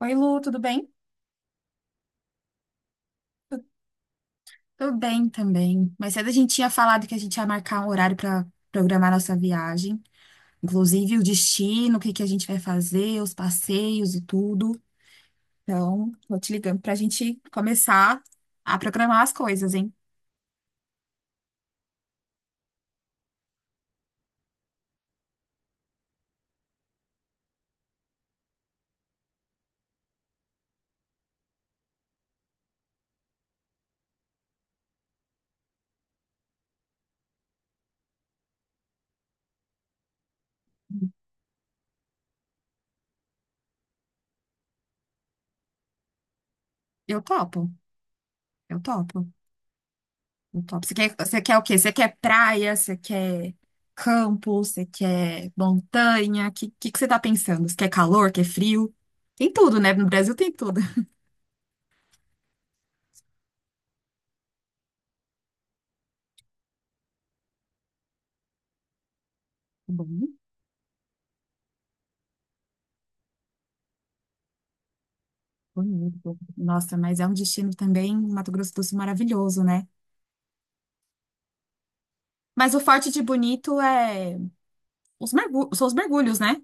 Oi, Lu, tudo bem? Tudo bem também. Mais cedo a gente tinha falado que a gente ia marcar um horário para programar nossa viagem, inclusive o destino, o que que a gente vai fazer, os passeios e tudo. Então, vou te ligando para a gente começar a programar as coisas, hein? Eu topo, eu topo, eu topo. Você quer o quê? Você quer praia? Você quer campo? Você quer montanha? O que que você tá pensando? Você quer calor? Quer frio? Tem tudo, né? No Brasil tem tudo. Tá bom. Bonito. Nossa, mas é um destino também, Mato Grosso do Sul, maravilhoso, né? Mas o forte de Bonito é são os mergulhos, né?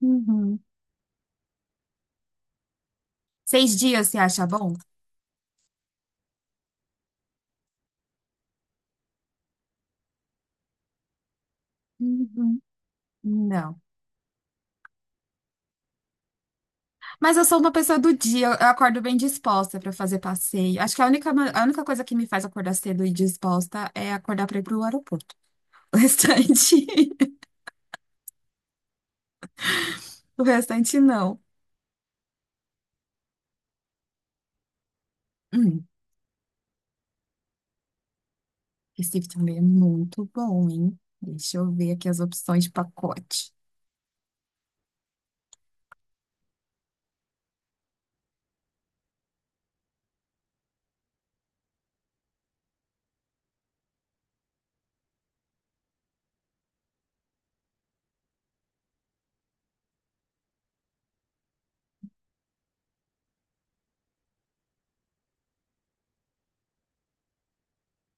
Uhum. 6 dias, você acha bom? Uhum. Não. Mas eu sou uma pessoa do dia, eu acordo bem disposta para fazer passeio. Acho que a única, a única coisa que me faz acordar cedo e disposta é acordar para ir pro aeroporto. O restante, o restante não. Hum. Recife também é muito bom, hein? Deixa eu ver aqui as opções de pacote.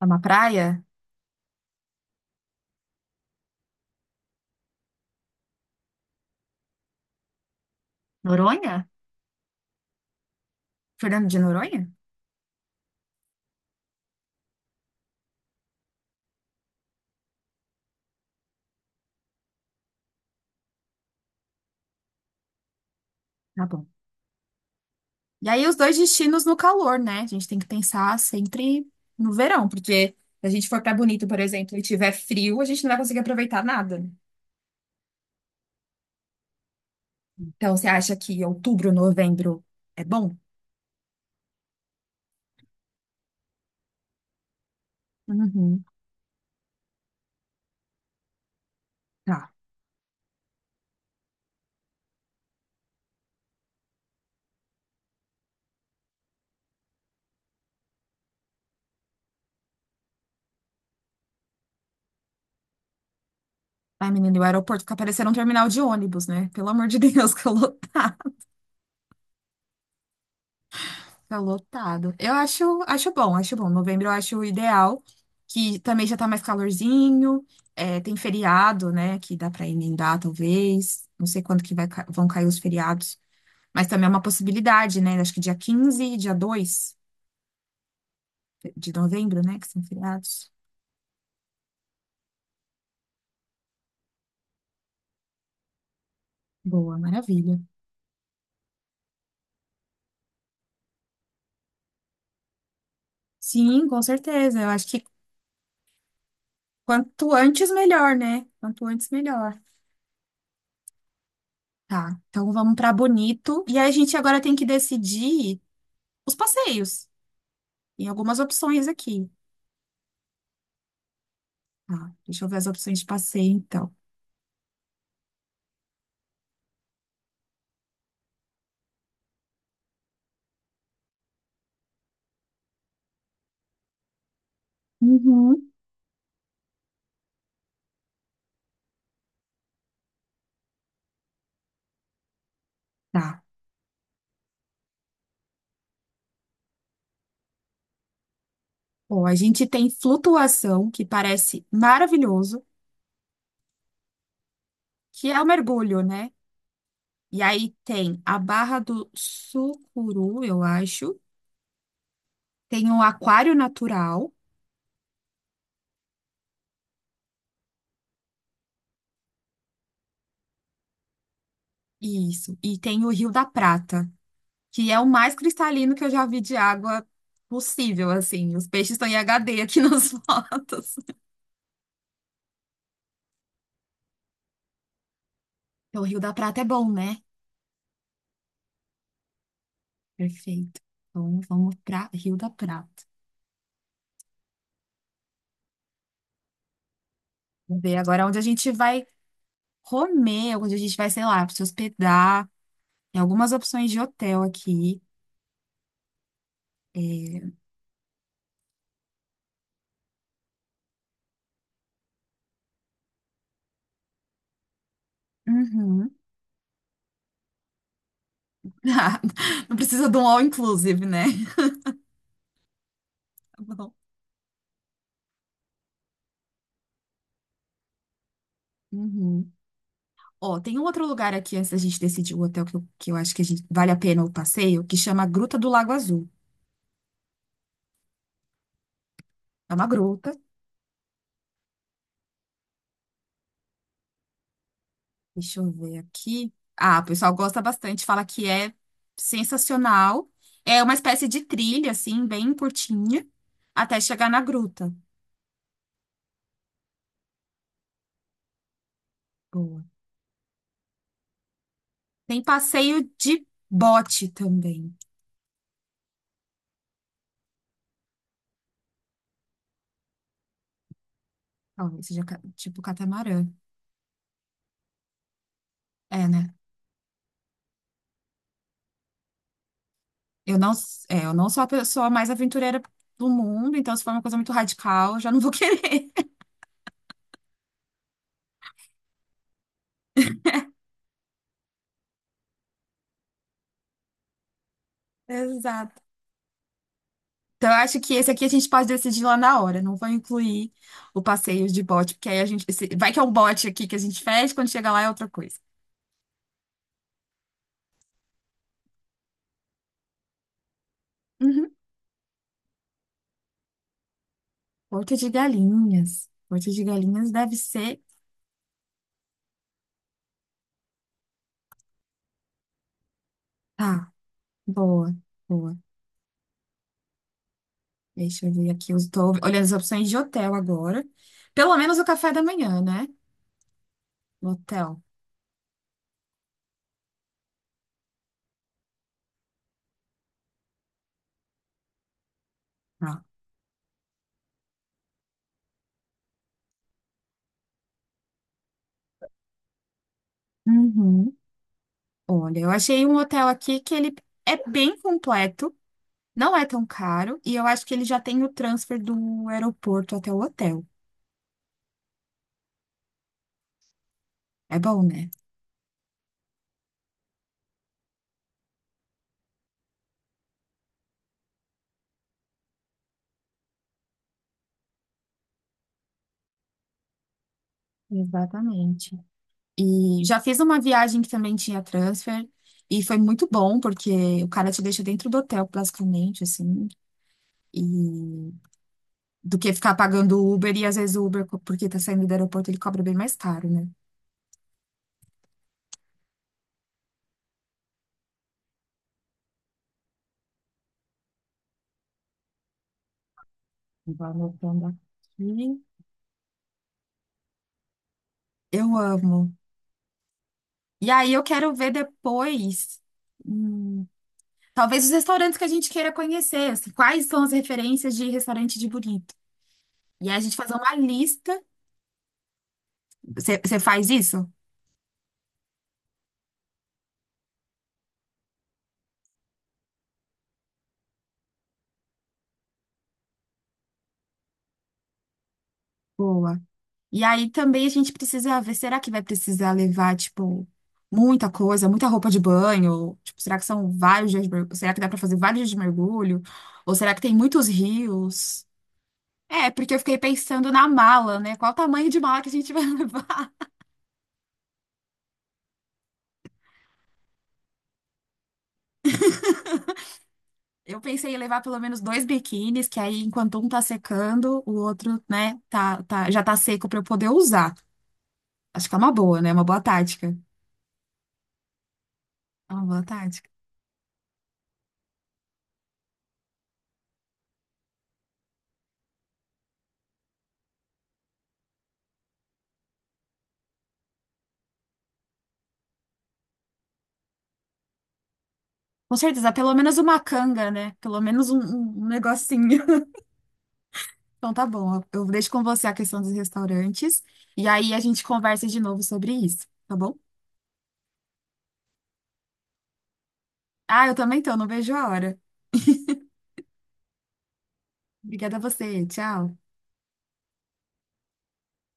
É uma praia? Noronha? Fernando de Noronha? Tá bom. E aí, os dois destinos no calor, né? A gente tem que pensar sempre no verão, porque se a gente for pra Bonito, por exemplo, e tiver frio, a gente não vai conseguir aproveitar nada, né? Então, você acha que outubro, novembro é bom? Uhum. Tá. Ai, menino, e o aeroporto fica parecendo um terminal de ônibus, né? Pelo amor de Deus, que tá lotado. Eu acho, acho bom, acho bom. Novembro eu acho ideal, que também já tá mais calorzinho, é, tem feriado, né, que dá pra emendar, talvez. Não sei quando que vai, vão cair os feriados, mas também é uma possibilidade, né? Acho que dia 15, e dia 2 de novembro, né, que são feriados. Boa, maravilha. Sim, com certeza. Eu acho que quanto antes, melhor, né? Quanto antes, melhor. Tá, então vamos pra Bonito. E aí a gente agora tem que decidir os passeios. E algumas opções aqui. Tá, deixa eu ver as opções de passeio, então. Uhum. Tá. Bom, a gente tem flutuação, que parece maravilhoso, que é o mergulho, né? E aí tem a Barra do Sucuru, eu acho. Tem o Aquário Natural, isso. E tem o Rio da Prata, que é o mais cristalino que eu já vi de água possível, assim. Os peixes estão em HD aqui nas fotos. Então, o Rio da Prata é bom, né? Perfeito. Então, vamos para Rio da Prata. Vamos ver agora onde a gente vai comer, onde a gente vai, sei lá, se hospedar. Tem algumas opções de hotel aqui. É, uhum. Não precisa de um all inclusive, né? Tá bom. Uhum. Ó, tem um outro lugar aqui antes da gente decidir o hotel que eu acho que a gente, vale a pena o passeio, que chama Gruta do Lago Azul. É uma gruta. Deixa eu ver aqui. Ah, o pessoal gosta bastante, fala que é sensacional. É uma espécie de trilha, assim, bem curtinha, até chegar na gruta. Boa. Tem passeio de bote também. Talvez seja tipo catamarã. É, né? Eu não, é, eu não sou a pessoa mais aventureira do mundo, então se for uma coisa muito radical, eu já não vou querer. Exato. Então, eu acho que esse aqui a gente pode decidir lá na hora. Não vou incluir o passeio de bote, porque aí a gente. Vai que é um bote aqui que a gente fecha, quando chega lá é outra coisa. Uhum. Porto de Galinhas. Porto de Galinhas deve ser. Tá, boa, boa. Deixa eu ver aqui. Eu estou olhando as opções de hotel agora. Pelo menos o café da manhã, né? Hotel. Ah. Uhum. Olha, eu achei um hotel aqui que ele é bem completo, não é tão caro, e eu acho que ele já tem o transfer do aeroporto até o hotel. É bom, né? Exatamente. E já fiz uma viagem que também tinha transfer, e foi muito bom, porque o cara te deixa dentro do hotel, basicamente, assim. E do que ficar pagando o Uber e às vezes o Uber, porque tá saindo do aeroporto, ele cobra bem mais caro, né? Vou anotando aqui. Eu amo. E aí eu quero ver depois, hum, talvez os restaurantes que a gente queira conhecer, assim, quais são as referências de restaurante de bonito. E aí a gente fazer uma lista. Você faz isso? Boa. E aí também a gente precisa ver, será que vai precisar levar, tipo, muita coisa, muita roupa de banho? Tipo, será que são vários dias de mergulho? Será que dá pra fazer vários dias de mergulho? Ou será que tem muitos rios? É, porque eu fiquei pensando na mala, né? Qual o tamanho de mala que a gente vai levar? Eu pensei em levar pelo menos 2 biquínis, que aí enquanto um tá secando, o outro, né, já tá seco pra eu poder usar. Acho que é uma boa, né? Uma boa tática. É uma boa tática. Com certeza, pelo menos uma canga, né? Pelo menos um negocinho. Então tá bom, eu deixo com você a questão dos restaurantes e aí a gente conversa de novo sobre isso, tá bom? Ah, eu também tô, não vejo a hora. Obrigada a você, tchau.